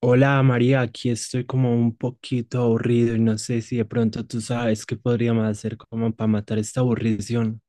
Hola María, aquí estoy como un poquito aburrido y no sé si de pronto tú sabes qué podríamos hacer como para matar esta aburrición.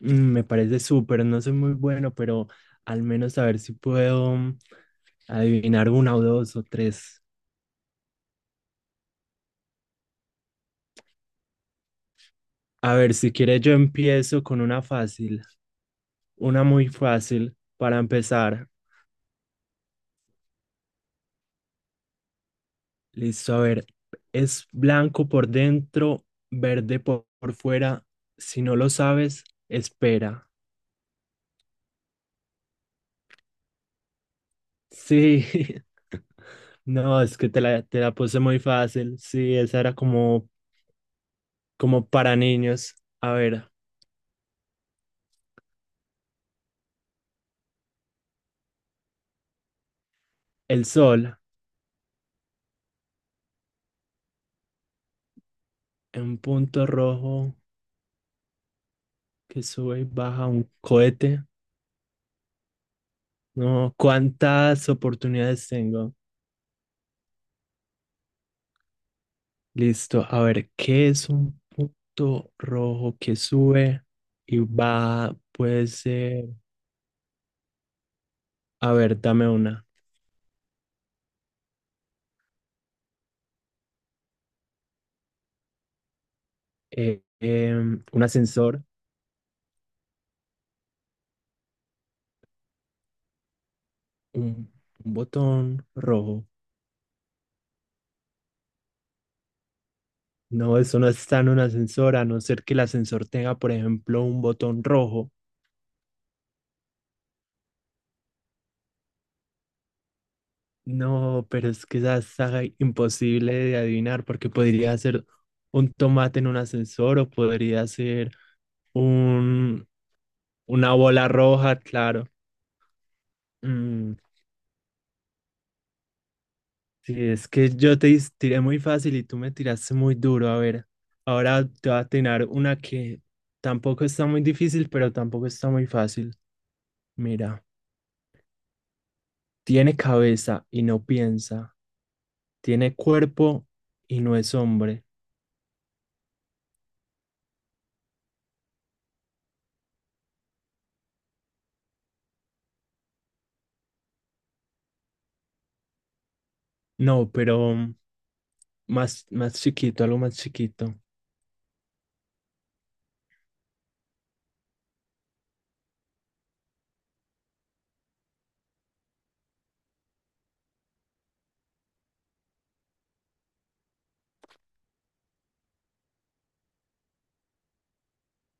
Me parece súper, no soy muy bueno, pero al menos a ver si puedo adivinar una o dos o tres. A ver, si quieres yo empiezo con una fácil, una muy fácil para empezar. Listo, a ver, es blanco por dentro, verde por fuera. Si no lo sabes, espera. Sí, no, es que te la puse muy fácil. Sí, esa era como, como para niños. A ver, el sol, un punto rojo que sube y baja un cohete. No, ¿cuántas oportunidades tengo? Listo, a ver, ¿qué es un punto rojo que sube y va? Puede ser, a ver, dame una. Un ascensor, un botón rojo. No, eso no está en un ascensor, a no ser que el ascensor tenga, por ejemplo, un botón rojo. No, pero es que esa está imposible de adivinar porque podría ser un tomate en un ascensor o podría ser un, una bola roja, claro. Mm, sí, es que yo tiré muy fácil y tú me tiraste muy duro. A ver, ahora te voy a tirar una que tampoco está muy difícil, pero tampoco está muy fácil. Mira, tiene cabeza y no piensa. Tiene cuerpo y no es hombre. No, pero más, más chiquito, algo más chiquito.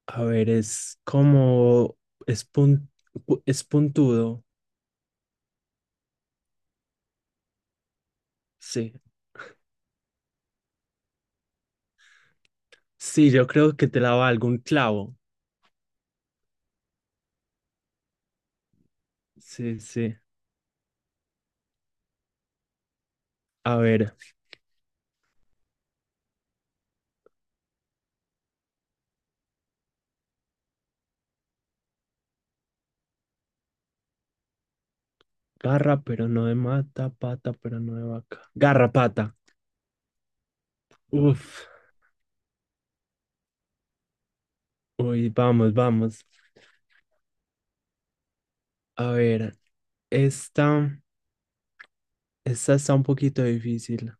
A ver, es como... Es, pun- es puntudo. Sí. Sí, yo creo que te la valgo un clavo. Sí, sí. A ver, garra, pero no de mata, pata, pero no de vaca. Garrapata. Uf. Uy, vamos, vamos. A ver, esta, esta está un poquito difícil.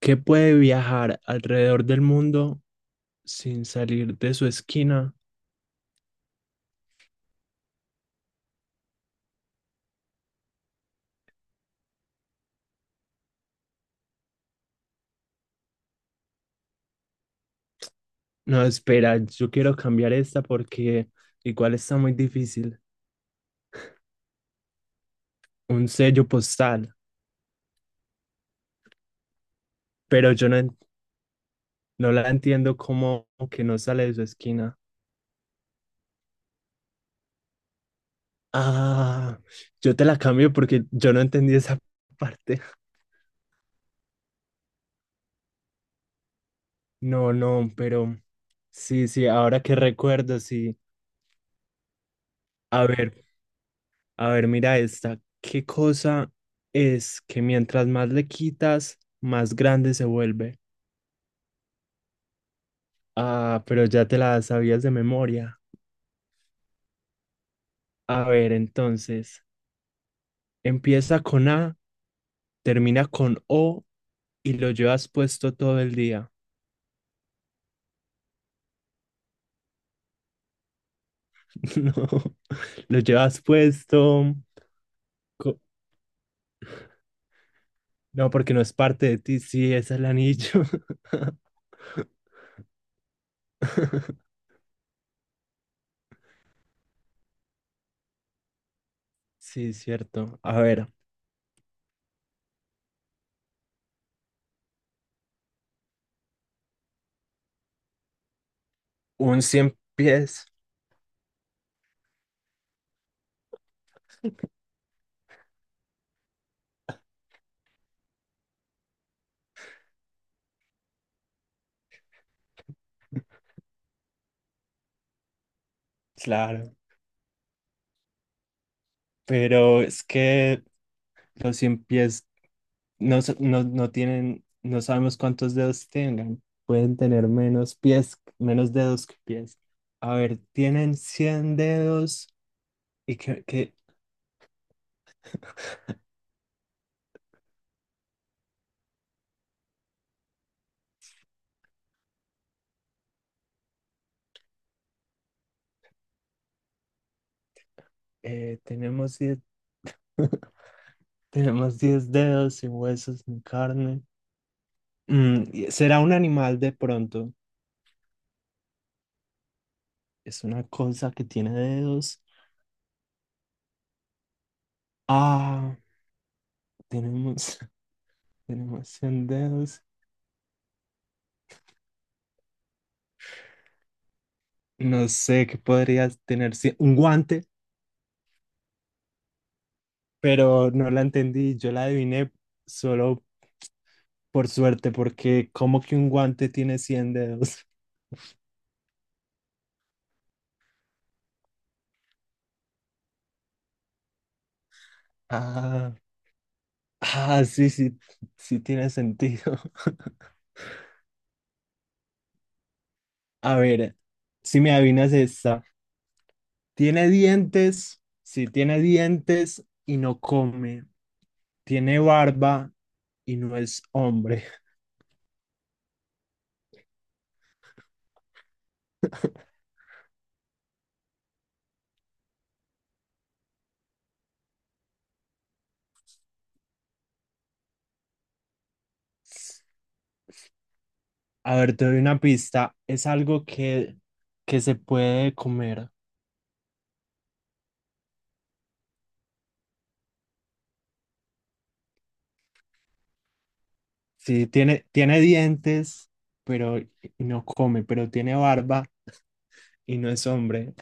¿Qué puede viajar alrededor del mundo sin salir de su esquina? No, espera, yo quiero cambiar esta porque igual está muy difícil. Un sello postal, pero yo no la entiendo como que no sale de su esquina. Ah, yo te la cambio porque yo no entendí esa parte. No, no, pero sí, sí, ahora que recuerdo, sí. A ver, a ver, mira esta. ¿Qué cosa es que mientras más le quitas, más grande se vuelve? Ah, pero ya te la sabías de memoria. A ver, entonces, empieza con A, termina con O y lo llevas puesto todo el día. No, lo llevas puesto. co- No, porque no es parte de ti. Sí, es el anillo. Sí, cierto. A ver, un cien pies. Claro, pero es que los cien pies no tienen, no sabemos cuántos dedos tengan. Pueden tener menos pies, menos dedos que pies. A ver, tienen 100 dedos y que, que, tenemos 10 tenemos 10 dedos sin huesos ni carne. ¿Será un animal de pronto? Es una cosa que tiene dedos. Ah, tenemos, tenemos 100 dedos. No sé qué podría tener cien, un guante, pero no la entendí. Yo la adiviné solo por suerte, porque como que un guante tiene 100 dedos. Ah, ah, sí, sí, sí tiene sentido. A ver, si me adivinas esta. Tiene dientes, sí tiene dientes y no come. Tiene barba y no es hombre. A ver, te doy una pista. Es algo que se puede comer. Sí, tiene, tiene dientes, pero y no come, pero tiene barba y no es hombre.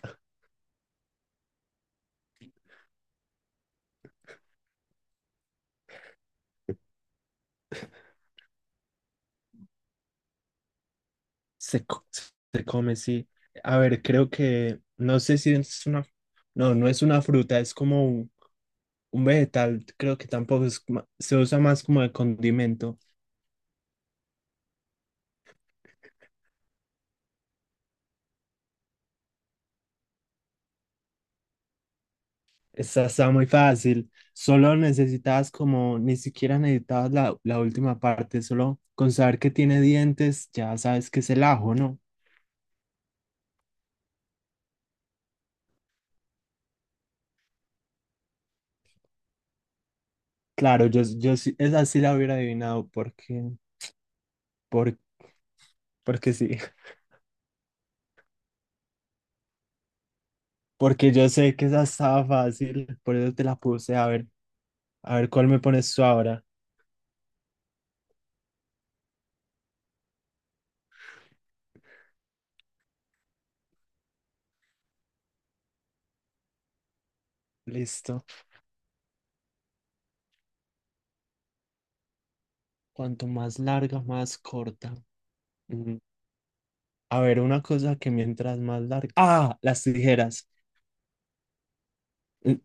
Se, co- Se come, sí. A ver, creo que, no sé si es una, no, no es una fruta, es como un vegetal, creo que tampoco se usa más como de condimento. Esta está muy fácil, solo necesitas como, ni siquiera necesitabas la última parte, solo con saber que tiene dientes, ya sabes que es el ajo, ¿no? Claro, yo sí, esa sí la hubiera adivinado, porque, por- porque sí, porque yo sé que esa estaba fácil, por eso te la puse, a ver. A ver, ¿cuál me pones tú ahora? Listo. Cuanto más larga, más corta. Mm, a ver, una cosa que mientras más larga. Ah, las tijeras. Mm,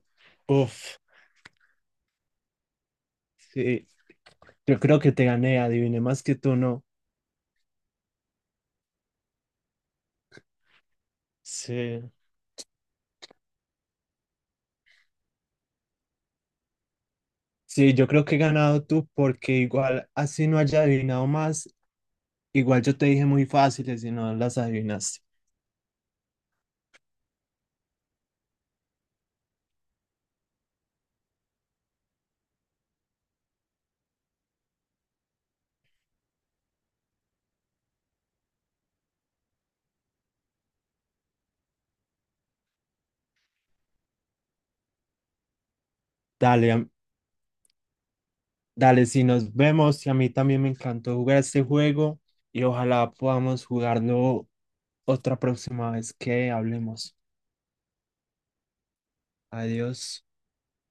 uf, sí. Yo creo que te gané, adiviné más que tú, ¿no? Sí. Sí, yo creo que he ganado tú porque igual así no haya adivinado más, igual yo te dije muy fáciles y no las adivinaste. Dale, am- Dale, si nos vemos y a mí también me encantó jugar este juego y ojalá podamos jugarlo otra próxima vez que hablemos. Adiós.